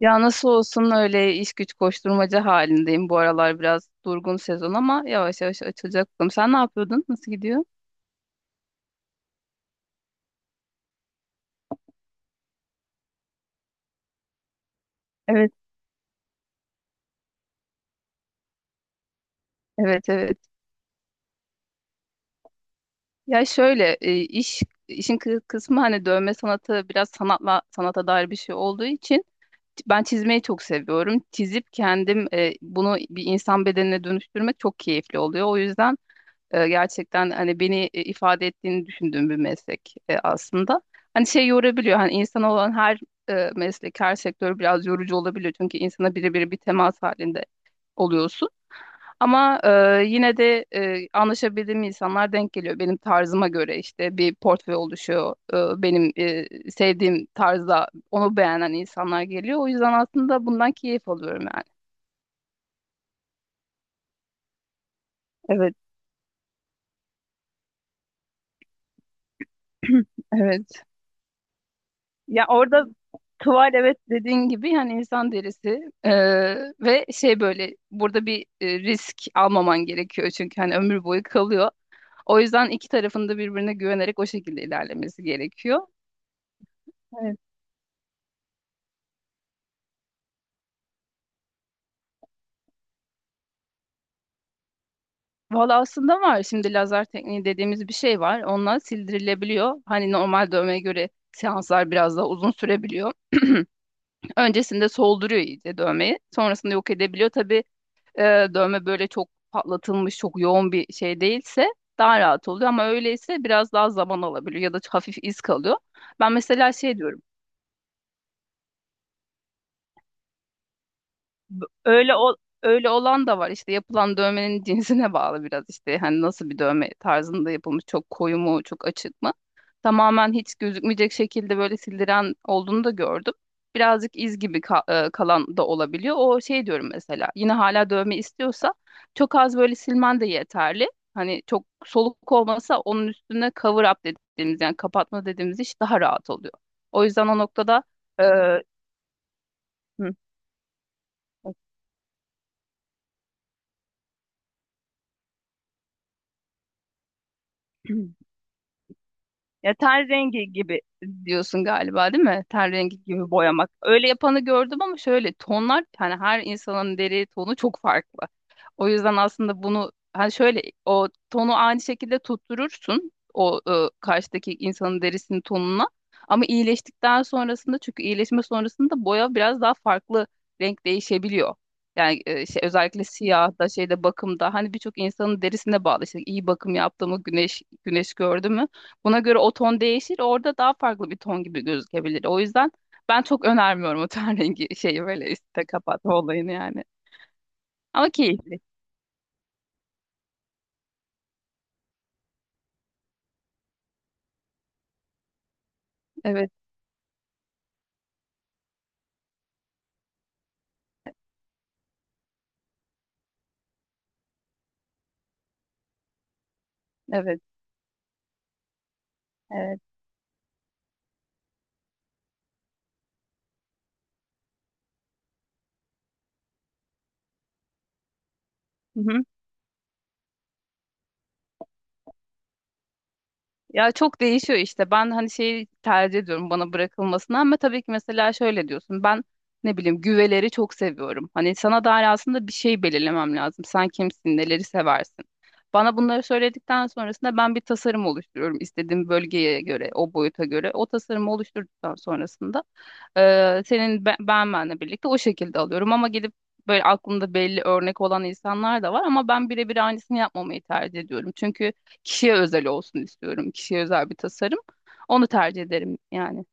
Ya nasıl olsun öyle iş güç koşturmaca halindeyim. Bu aralar biraz durgun sezon ama yavaş yavaş açılacak bakalım. Sen ne yapıyordun? Nasıl gidiyor? Evet. Evet, evet. Ya şöyle işin kısmı, hani dövme sanatı biraz sanatla, sanata dair bir şey olduğu için ben çizmeyi çok seviyorum. Çizip kendim bunu bir insan bedenine dönüştürmek çok keyifli oluyor. O yüzden gerçekten hani beni ifade ettiğini düşündüğüm bir meslek aslında. Hani şey yorabiliyor, hani insan olan her meslek, her sektör biraz yorucu olabiliyor. Çünkü insana birebir bir temas halinde oluyorsun. Ama yine de anlaşabildiğim insanlar denk geliyor. Benim tarzıma göre işte bir portföy oluşuyor. Benim sevdiğim tarzda onu beğenen insanlar geliyor. O yüzden aslında bundan keyif alıyorum yani. Evet, evet. Ya orada tuval, evet, dediğin gibi, yani insan derisi. Ve şey, böyle burada bir risk almaman gerekiyor, çünkü hani ömür boyu kalıyor. O yüzden iki tarafında birbirine güvenerek o şekilde ilerlemesi gerekiyor. Evet. Valla aslında var, şimdi lazer tekniği dediğimiz bir şey var. Onunla sildirilebiliyor. Hani normal dövmeye göre seanslar biraz daha uzun sürebiliyor. Öncesinde solduruyor iyice dövmeyi. Sonrasında yok edebiliyor. Tabii e, dövme böyle çok patlatılmış, çok yoğun bir şey değilse daha rahat oluyor, ama öyleyse biraz daha zaman alabiliyor ya da hafif iz kalıyor. Ben mesela şey diyorum. B- Öyle ol- Öyle olan da var işte, yapılan dövmenin cinsine bağlı biraz, işte hani nasıl bir dövme tarzında yapılmış, çok koyu mu, çok açık mı. Tamamen hiç gözükmeyecek şekilde böyle sildiren olduğunu da gördüm. Birazcık iz gibi kalan da olabiliyor. O şey diyorum mesela, yine hala dövme istiyorsa çok az böyle silmen de yeterli. Hani çok soluk olmasa onun üstüne cover up dediğimiz, yani kapatma dediğimiz iş daha rahat oluyor. O yüzden o noktada. e, hı. Ya ten rengi gibi diyorsun galiba, değil mi? Ten rengi gibi boyamak. Öyle yapanı gördüm, ama şöyle tonlar, hani her insanın deri tonu çok farklı. O yüzden aslında bunu hani şöyle, o tonu aynı şekilde tutturursun, o karşıdaki insanın derisinin tonuna. Ama iyileştikten sonrasında, çünkü iyileşme sonrasında boya biraz daha farklı, renk değişebiliyor. Yani şey, özellikle siyah da şeyde, bakımda, hani birçok insanın derisine bağlı. İşte iyi bakım yaptı mı, güneş güneş gördü mü? Buna göre o ton değişir. Orada daha farklı bir ton gibi gözükebilir. O yüzden ben çok önermiyorum o ten rengi şeyi, böyle üstte kapatma olayını yani. Ama keyifli. Evet, evet, evet. Hı hı. Ya çok değişiyor işte. Ben hani şeyi tercih ediyorum, bana bırakılmasını, ama tabii ki mesela şöyle diyorsun. Ben ne bileyim, güveleri çok seviyorum. Hani sana dair aslında bir şey belirlemem lazım. Sen kimsin, neleri seversin? Bana bunları söyledikten sonrasında ben bir tasarım oluşturuyorum, istediğim bölgeye göre, o boyuta göre. O tasarımı oluşturduktan sonrasında senin benle birlikte o şekilde alıyorum. Ama gidip böyle aklımda belli örnek olan insanlar da var, ama ben birebir aynısını yapmamayı tercih ediyorum. Çünkü kişiye özel olsun istiyorum. Kişiye özel bir tasarım. Onu tercih ederim yani.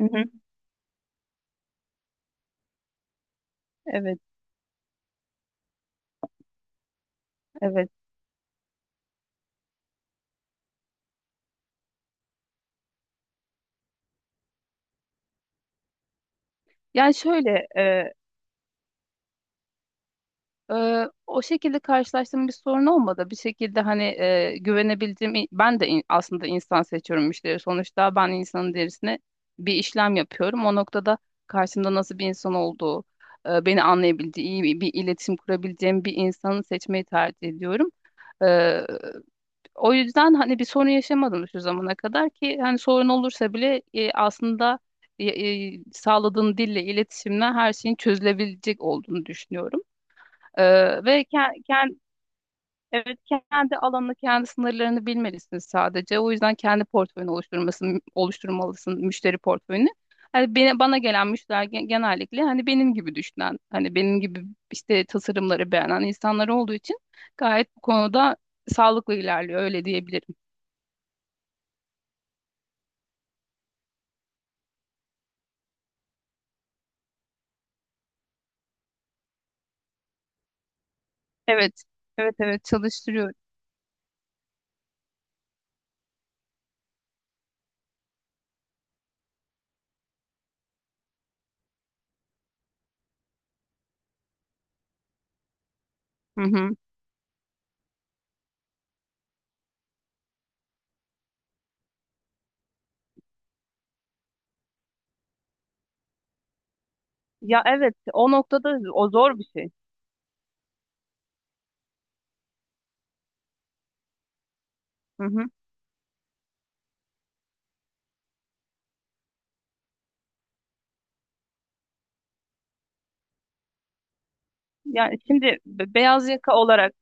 Hı hı. Evet, evet. Yani şöyle o şekilde karşılaştığım bir sorun olmadı. Bir şekilde hani güvenebildiğim, ben de aslında insan seçiyorum, müşteri. Sonuçta ben insanın derisine bir işlem yapıyorum. O noktada karşımda nasıl bir insan olduğu, beni anlayabildiği, iyi bir iletişim kurabileceğim bir insanı seçmeyi tercih ediyorum. Ee, o yüzden hani bir sorun yaşamadım şu zamana kadar. Ki hani sorun olursa bile aslında e, sağladığın dille, iletişimle her şeyin çözülebilecek olduğunu düşünüyorum. Ve kendi, evet, kendi alanını, kendi sınırlarını bilmelisin sadece. O yüzden kendi portföyünü oluşturmasın, oluşturmalısın, müşteri portföyünü. Hani beni, bana gelen müşteriler genellikle hani benim gibi düşünen, hani benim gibi işte tasarımları beğenen insanlar olduğu için gayet bu konuda sağlıklı ilerliyor, öyle diyebilirim. Evet, evet, evet çalıştırıyor. Hı hı. Ya evet, o noktada o zor bir şey. Hı hı. Yani şimdi be- beyaz yaka olarak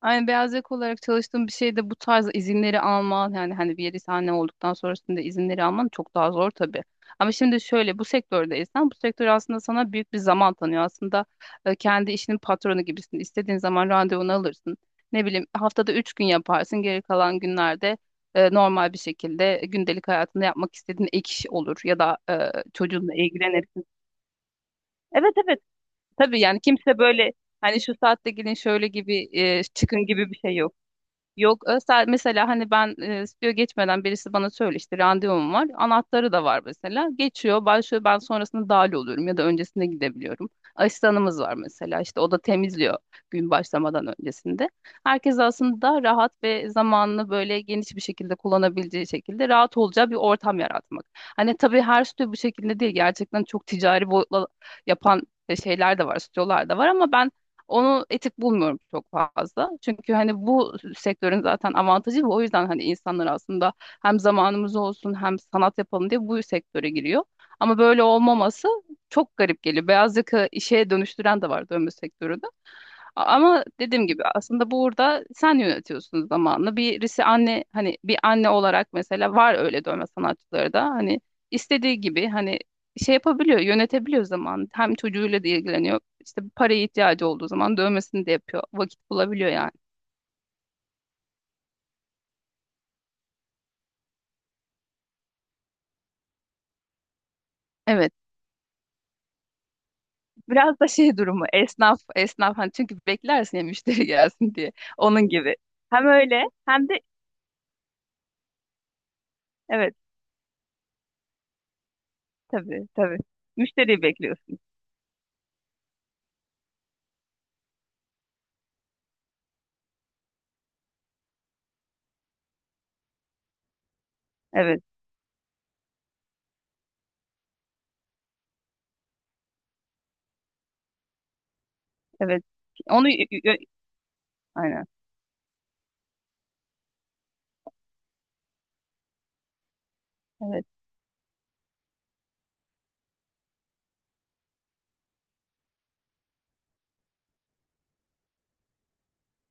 Aynı beyaz yaka olarak çalıştığım bir şeyde bu tarz izinleri alman, yani hani bir yeri sahne olduktan sonrasında izinleri alman çok daha zor tabii. Ama şimdi şöyle, bu sektördeysen bu sektör aslında sana büyük bir zaman tanıyor. Aslında kendi işinin patronu gibisin. İstediğin zaman randevunu alırsın. Ne bileyim, haftada 3 gün yaparsın. Geri kalan günlerde normal bir şekilde gündelik hayatında yapmak istediğin ek iş olur ya da çocuğunla ilgilenirsin. Evet, evet, tabii, yani kimse böyle hani şu saatte gelin şöyle gibi, çıkın gibi bir şey yok. Yok. Özel mesela, hani ben stüdyo geçmeden birisi bana söyle, işte randevum var. Anahtarı da var mesela. Geçiyor, başlıyor. Ben sonrasında dahil oluyorum ya da öncesinde gidebiliyorum. Asistanımız var mesela. İşte o da temizliyor gün başlamadan öncesinde. Herkes aslında rahat ve zamanını böyle geniş bir şekilde kullanabileceği şekilde, rahat olacağı bir ortam yaratmak. Hani tabii her stüdyo bu şekilde değil. Gerçekten çok ticari boyutla yapan şeyler de var, stüdyolar da var, ama ben onu etik bulmuyorum çok fazla. Çünkü hani bu sektörün zaten avantajı bu. O yüzden hani insanlar aslında hem zamanımız olsun hem sanat yapalım diye bu sektöre giriyor. Ama böyle olmaması çok garip geliyor. Beyaz yaka işe dönüştüren de var dövme sektörünü. Ama dediğim gibi, aslında burada sen yönetiyorsun zamanını. Birisi anne, hani bir anne olarak mesela, var öyle dövme sanatçıları da, hani istediği gibi hani şey yapabiliyor, yönetebiliyor zaman. Hem çocuğuyla da ilgileniyor. İşte bir paraya ihtiyacı olduğu zaman dövmesini de yapıyor. Vakit bulabiliyor yani. Evet. Biraz da şey durumu, esnaf esnaf, hani çünkü beklersin ya müşteri gelsin diye. Onun gibi. Hem öyle hem de, evet, tabii, tabii. Müşteriyi bekliyorsun. Evet, evet. Onu y- y- y- Aynen.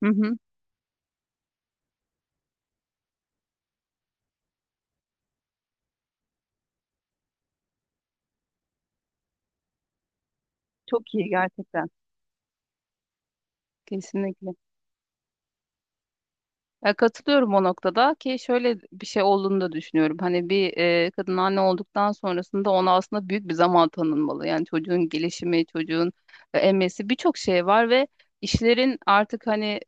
Hı hı. Çok iyi gerçekten. Kesinlikle. Ya katılıyorum o noktada, ki şöyle bir şey olduğunu da düşünüyorum. Hani bir kadın anne olduktan sonrasında ona aslında büyük bir zaman tanınmalı. Yani çocuğun gelişimi, çocuğun emmesi, birçok şey var ve işlerin artık hani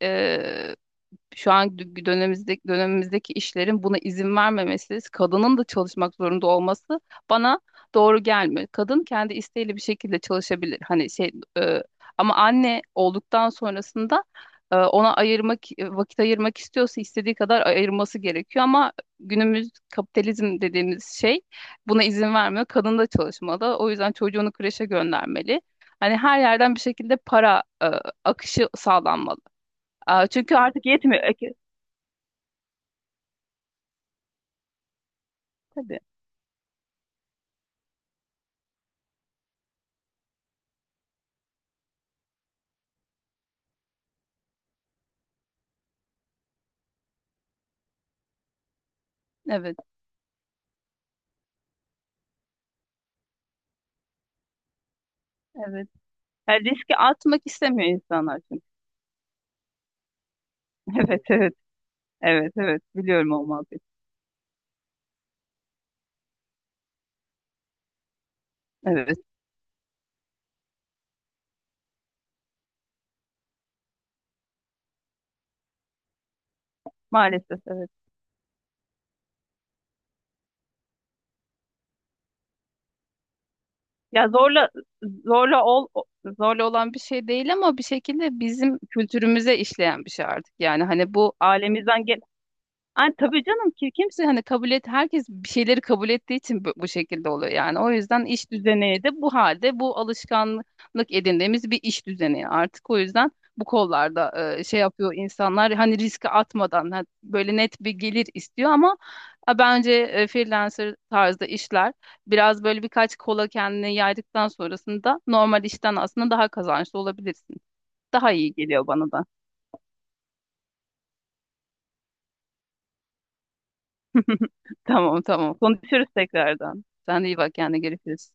şu an dönemimizdeki işlerin buna izin vermemesi, kadının da çalışmak zorunda olması bana doğru gelmiyor. Kadın kendi isteğiyle bir şekilde çalışabilir. Hani şey, e, ama anne olduktan sonrasında ona ayırmak, vakit ayırmak istiyorsa istediği kadar ayırması gerekiyor, ama günümüz, kapitalizm dediğimiz şey buna izin vermiyor. Kadın da çalışmalı. O yüzden çocuğunu kreşe göndermeli. Hani her yerden bir şekilde para akışı sağlanmalı. Çünkü artık yetmiyor. Tabii. Evet, evet. Yani riski atmak istemiyor insanlar çünkü. Evet, evet. Evet, evet. Biliyorum o muhabbeti. Evet. Maalesef evet. Ya zorla ol zorla olan bir şey değil, ama bir şekilde bizim kültürümüze işleyen bir şey artık. Yani hani bu ailemizden. Ay, tabii canım ki, kimse hani kabul et, herkes bir şeyleri kabul ettiği için bu şekilde oluyor yani. O yüzden iş düzeni de bu halde, bu alışkanlık edindiğimiz bir iş düzeni artık, o yüzden bu kollarda şey yapıyor insanlar, hani riske atmadan, böyle net bir gelir istiyor, ama bence freelancer tarzda işler biraz böyle birkaç kola kendini yaydıktan sonrasında normal işten aslında daha kazançlı olabilirsin. Daha iyi geliyor bana da. Tamam, tamam. Konuşuruz tekrardan. Sen de iyi bak kendine, görüşürüz.